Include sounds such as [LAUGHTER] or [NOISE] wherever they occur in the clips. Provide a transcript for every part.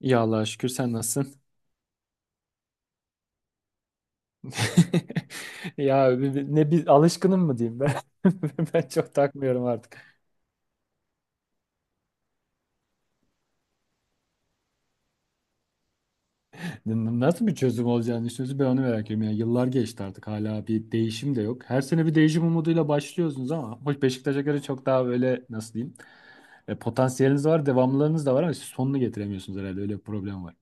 Ya Allah'a şükür, sen nasılsın? [LAUGHS] Ya bi- bi- ne bir alışkınım mı diyeyim ben? [LAUGHS] Ben çok takmıyorum artık. Nasıl bir çözüm olacağını düşünüyorsun, ben onu merak ediyorum. Yani yıllar geçti artık, hala bir değişim de yok. Her sene bir değişim umuduyla başlıyorsunuz, ama hoş, Beşiktaş'a göre çok daha böyle, nasıl diyeyim? Potansiyeliniz var, devamlılığınız da var, ama siz sonunu getiremiyorsunuz, herhalde öyle bir problem var.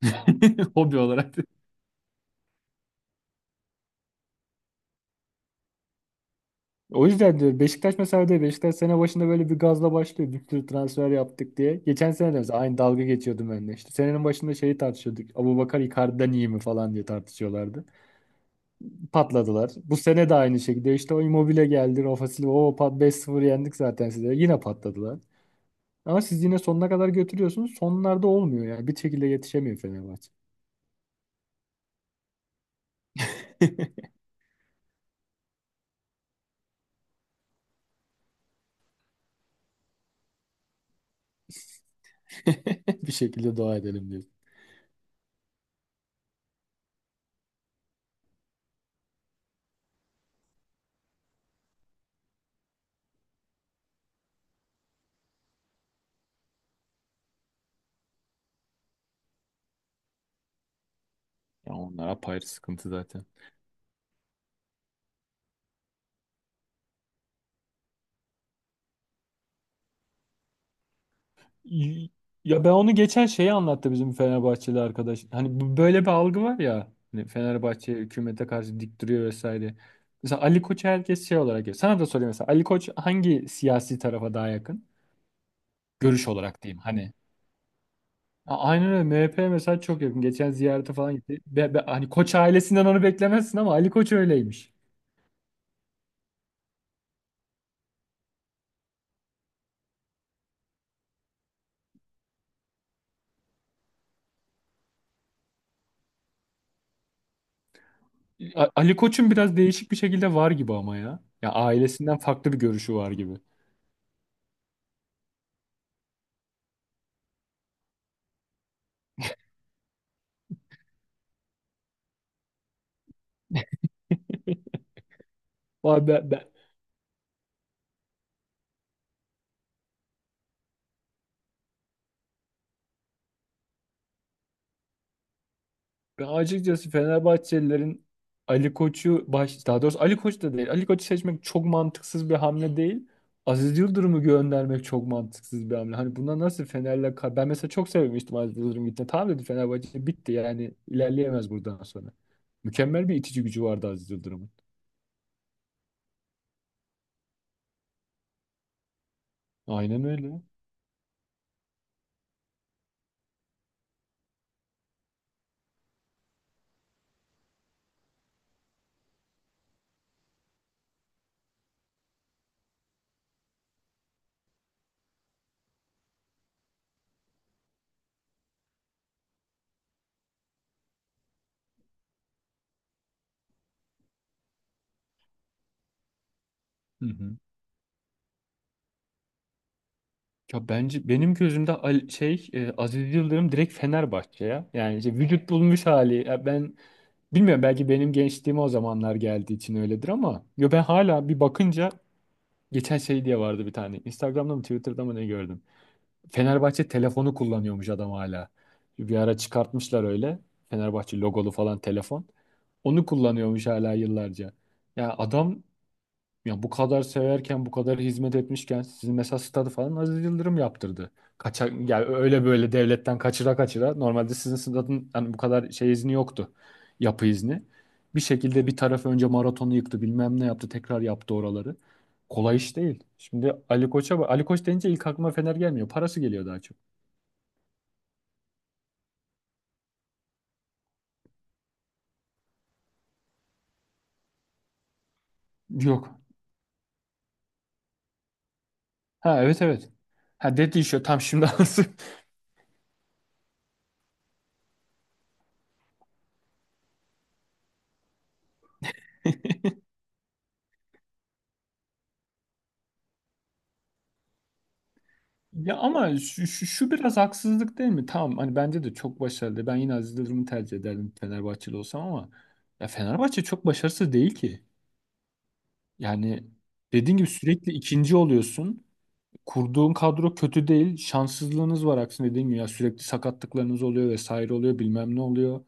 [LAUGHS] Hobi olarak. O yüzden diyorum Beşiktaş mesela, diyor, Beşiktaş sene başında böyle bir gazla başlıyor. Bir sürü transfer yaptık diye. Geçen sene de mesela aynı dalga geçiyordum ben de. İşte senenin başında şeyi tartışıyorduk. Abubakar Icardi'den iyi mi falan diye tartışıyorlardı. Patladılar. Bu sene de aynı şekilde. İşte o Immobile geldi. Rafa Silva. O pat, 5-0 yendik zaten size. Yine patladılar. Ama siz yine sonuna kadar götürüyorsunuz. Sonlarda olmuyor yani. Bir şekilde yetişemiyor Fenerbahçe. [LAUGHS] Bir şekilde dua edelim diyor. Ya onlar apayrı sıkıntı zaten. Y- Ya ben onu geçen, şeyi anlattı bizim Fenerbahçeli arkadaş. Hani böyle bir algı var ya. Hani Fenerbahçe hükümete karşı dik duruyor vesaire. Mesela Ali Koç'u herkes şey olarak görüyor. Sana da sorayım mesela, Ali Koç hangi siyasi tarafa daha yakın? Görüş olarak diyeyim hani. Aynen öyle, MHP mesela çok yakın. Geçen ziyarete falan gitti. Hani Koç ailesinden onu beklemezsin, ama Ali Koç öyleymiş. Ali Koç'un biraz değişik bir şekilde var gibi ama ya. Ya ailesinden farklı bir görüşü var gibi. Vay be. Ben açıkçası Fenerbahçelilerin Ali Koç'u daha doğrusu Ali Koç da değil. Ali Koç'u seçmek çok mantıksız bir hamle değil. Aziz Yıldırım'ı göndermek çok mantıksız bir hamle. Hani buna nasıl ben mesela çok sevmiştim Aziz Yıldırım gittiğinde. Tamam dedi, Fenerbahçe bitti yani, ilerleyemez buradan sonra. Mükemmel bir itici gücü vardı Aziz Yıldırım'ın. Aynen öyle. Hı hı. Ya bence benim gözümde Aziz Yıldırım direkt Fenerbahçe ya. Yani işte vücut bulmuş hali. Ya ben, bilmiyorum, belki benim gençliğime o zamanlar geldiği için öyledir, ama yo, ben hala bir bakınca, geçen şey diye vardı bir tane. Instagram'da mı Twitter'da mı ne gördüm. Fenerbahçe telefonu kullanıyormuş adam hala. Bir ara çıkartmışlar öyle. Fenerbahçe logolu falan telefon. Onu kullanıyormuş hala yıllarca. Ya adam, ya bu kadar severken, bu kadar hizmet etmişken, sizin mesela stadı falan Aziz Yıldırım yaptırdı. Kaçak, yani öyle böyle devletten kaçıra kaçıra. Normalde sizin stadın hani bu kadar şey izni yoktu. Yapı izni. Bir şekilde bir taraf önce maratonu yıktı, bilmem ne yaptı, tekrar yaptı oraları. Kolay iş değil. Şimdi Ali Koç deyince ilk aklıma Fener gelmiyor. Parası geliyor daha çok. Yok. Ha, evet evet. Ha, dedi işte tam şimdi [LAUGHS] anladım. Ya ama şu biraz haksızlık değil mi? Tamam, hani bence de çok başarılı. Ben yine Aziz Yıldırım'ı tercih ederdim Fenerbahçeli olsam, ama ya Fenerbahçe çok başarısız değil ki. Yani dediğin gibi sürekli ikinci oluyorsun. Kurduğun kadro kötü değil. Şanssızlığınız var aksine, dediğin gibi. Ya sürekli sakatlıklarınız oluyor vesaire oluyor bilmem ne oluyor.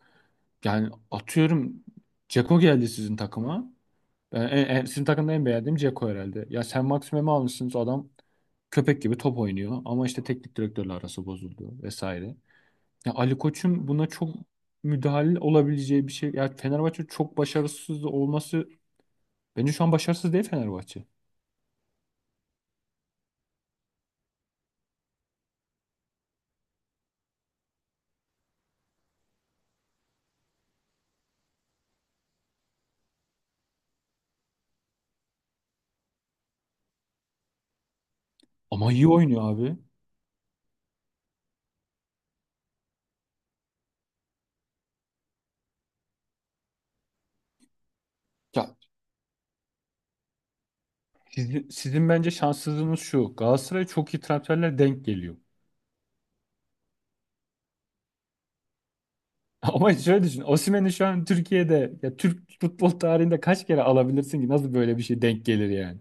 Yani atıyorum, Ceko geldi sizin takıma. Ben sizin takımda en beğendiğim Dzeko herhalde. Ya sen Maximum'u almışsınız, adam köpek gibi top oynuyor, ama işte teknik direktörle arası bozuldu vesaire. Ya Ali Koç'un buna çok müdahil olabileceği bir şey. Ya Fenerbahçe çok başarısız olması, bence şu an başarısız değil Fenerbahçe. Ama iyi oynuyor abi. Ya sizin bence şanssızlığınız şu. Galatasaray'a çok iyi transferler denk geliyor. [LAUGHS] Ama şöyle düşün. Osimhen'i şu an Türkiye'de, ya Türk futbol tarihinde kaç kere alabilirsin ki, nasıl böyle bir şey denk gelir yani?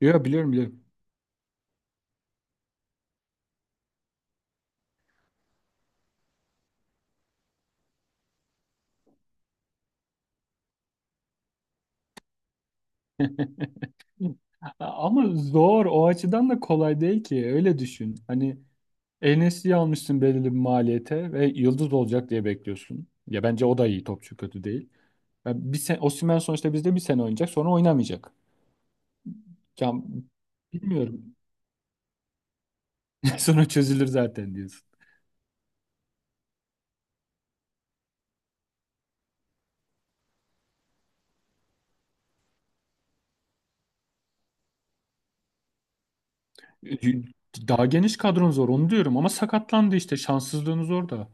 Yok, biliyorum biliyorum. [LAUGHS] Ama zor, o açıdan da kolay değil ki, öyle düşün. Hani en almışsın belirli bir maliyete ve yıldız olacak diye bekliyorsun. Ya bence o da iyi topçu, kötü değil. Ya bir sen Osimhen sonuçta bizde bir sene oynayacak, sonra oynamayacak. Ya bilmiyorum. [LAUGHS] Sonra çözülür zaten diyorsun. Daha geniş kadron zor, onu diyorum, ama sakatlandı işte, şanssızlığınız orada.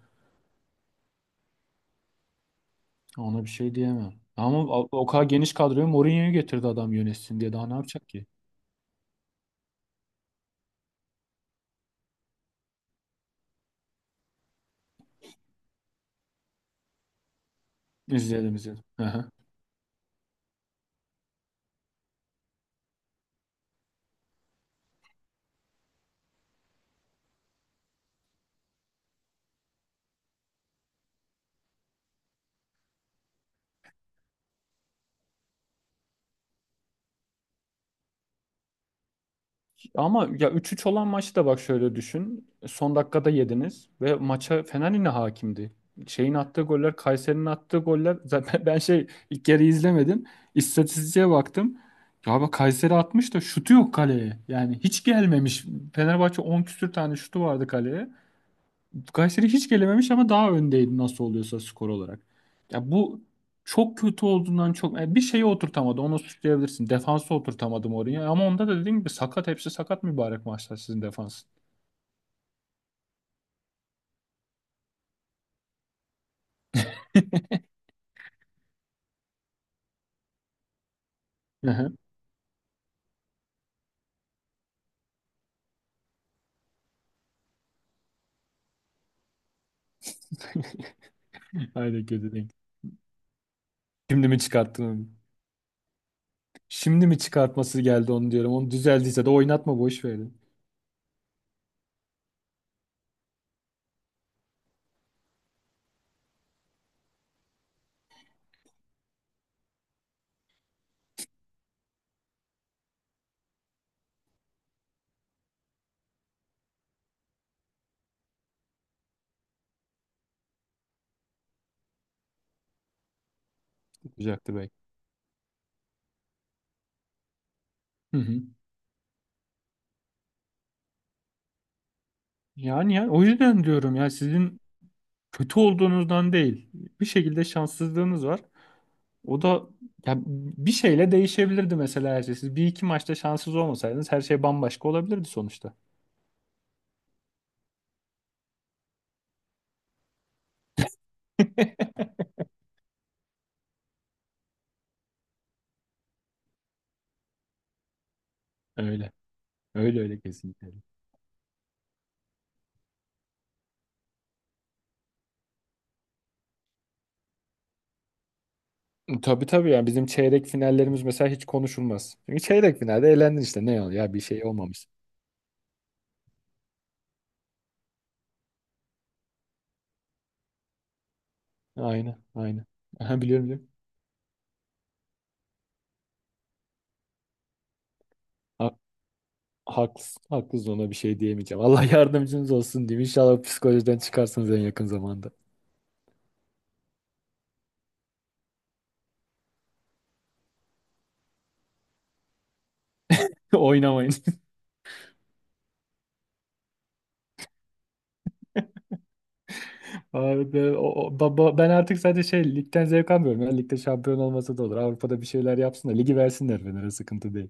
Ona bir şey diyemem. Ama o o kadar geniş kadroyu, Mourinho'yu getirdi adam yönetsin diye, daha ne yapacak ki? İzleyelim izleyelim. [LAUGHS] Ama ya üç üç olan maçı da bak şöyle düşün. Son dakikada yediniz ve maça Fener yine hakimdi. Şeyin attığı goller, Kayseri'nin attığı goller. Zaten [LAUGHS] ben şey, ilk yarı izlemedim. İstatistiğe baktım. Ya bak, Kayseri atmış da şutu yok kaleye. Yani hiç gelmemiş. Fenerbahçe 10 küsür tane şutu vardı kaleye. Kayseri hiç gelememiş, ama daha öndeydi nasıl oluyorsa skor olarak. Ya bu çok kötü olduğundan çok, yani bir şeyi oturtamadı. Onu suçlayabilirsin. Defansı oturtamadım oraya. Ama onda da dediğim gibi sakat, hepsi sakat mübarek, maçlar sizin defansın. Aynen, kötü değil. Şimdi mi çıkarttın? Şimdi mi çıkartması geldi, onu diyorum. Onu düzeldiyse de oynatma, boş verin. Olacaktı belki. Hı hı. Yani ya o yüzden diyorum ya, sizin kötü olduğunuzdan değil. Bir şekilde şanssızlığınız var. O da ya bir şeyle değişebilirdi mesela her şey. Siz bir iki maçta şanssız olmasaydınız, her şey bambaşka olabilirdi sonuçta. [LAUGHS] Öyle. Öyle öyle, kesinlikle. Tabii tabii, ya bizim çeyrek finallerimiz mesela hiç konuşulmaz. Çünkü çeyrek finalde eğlendin işte, ne ol ya, bir şey olmamış. Aynen aynen. Aha, biliyorum biliyorum. Ha, haklısın haklısın, ona bir şey diyemeyeceğim. [LAUGHS] Allah yardımcınız olsun diyeyim. İnşallah psikolojiden çıkarsınız en yakın zamanda. [LAUGHS] Oynamayın. Abi ben artık sadece şey, ligden zevk almıyorum ya. Ligde şampiyon olmasa da olur. Avrupa'da bir şeyler yapsın da ligi versinler Fener'e, sıkıntı değil.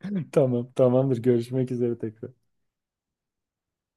[LAUGHS] Tamam, tamamdır. Görüşmek üzere tekrar.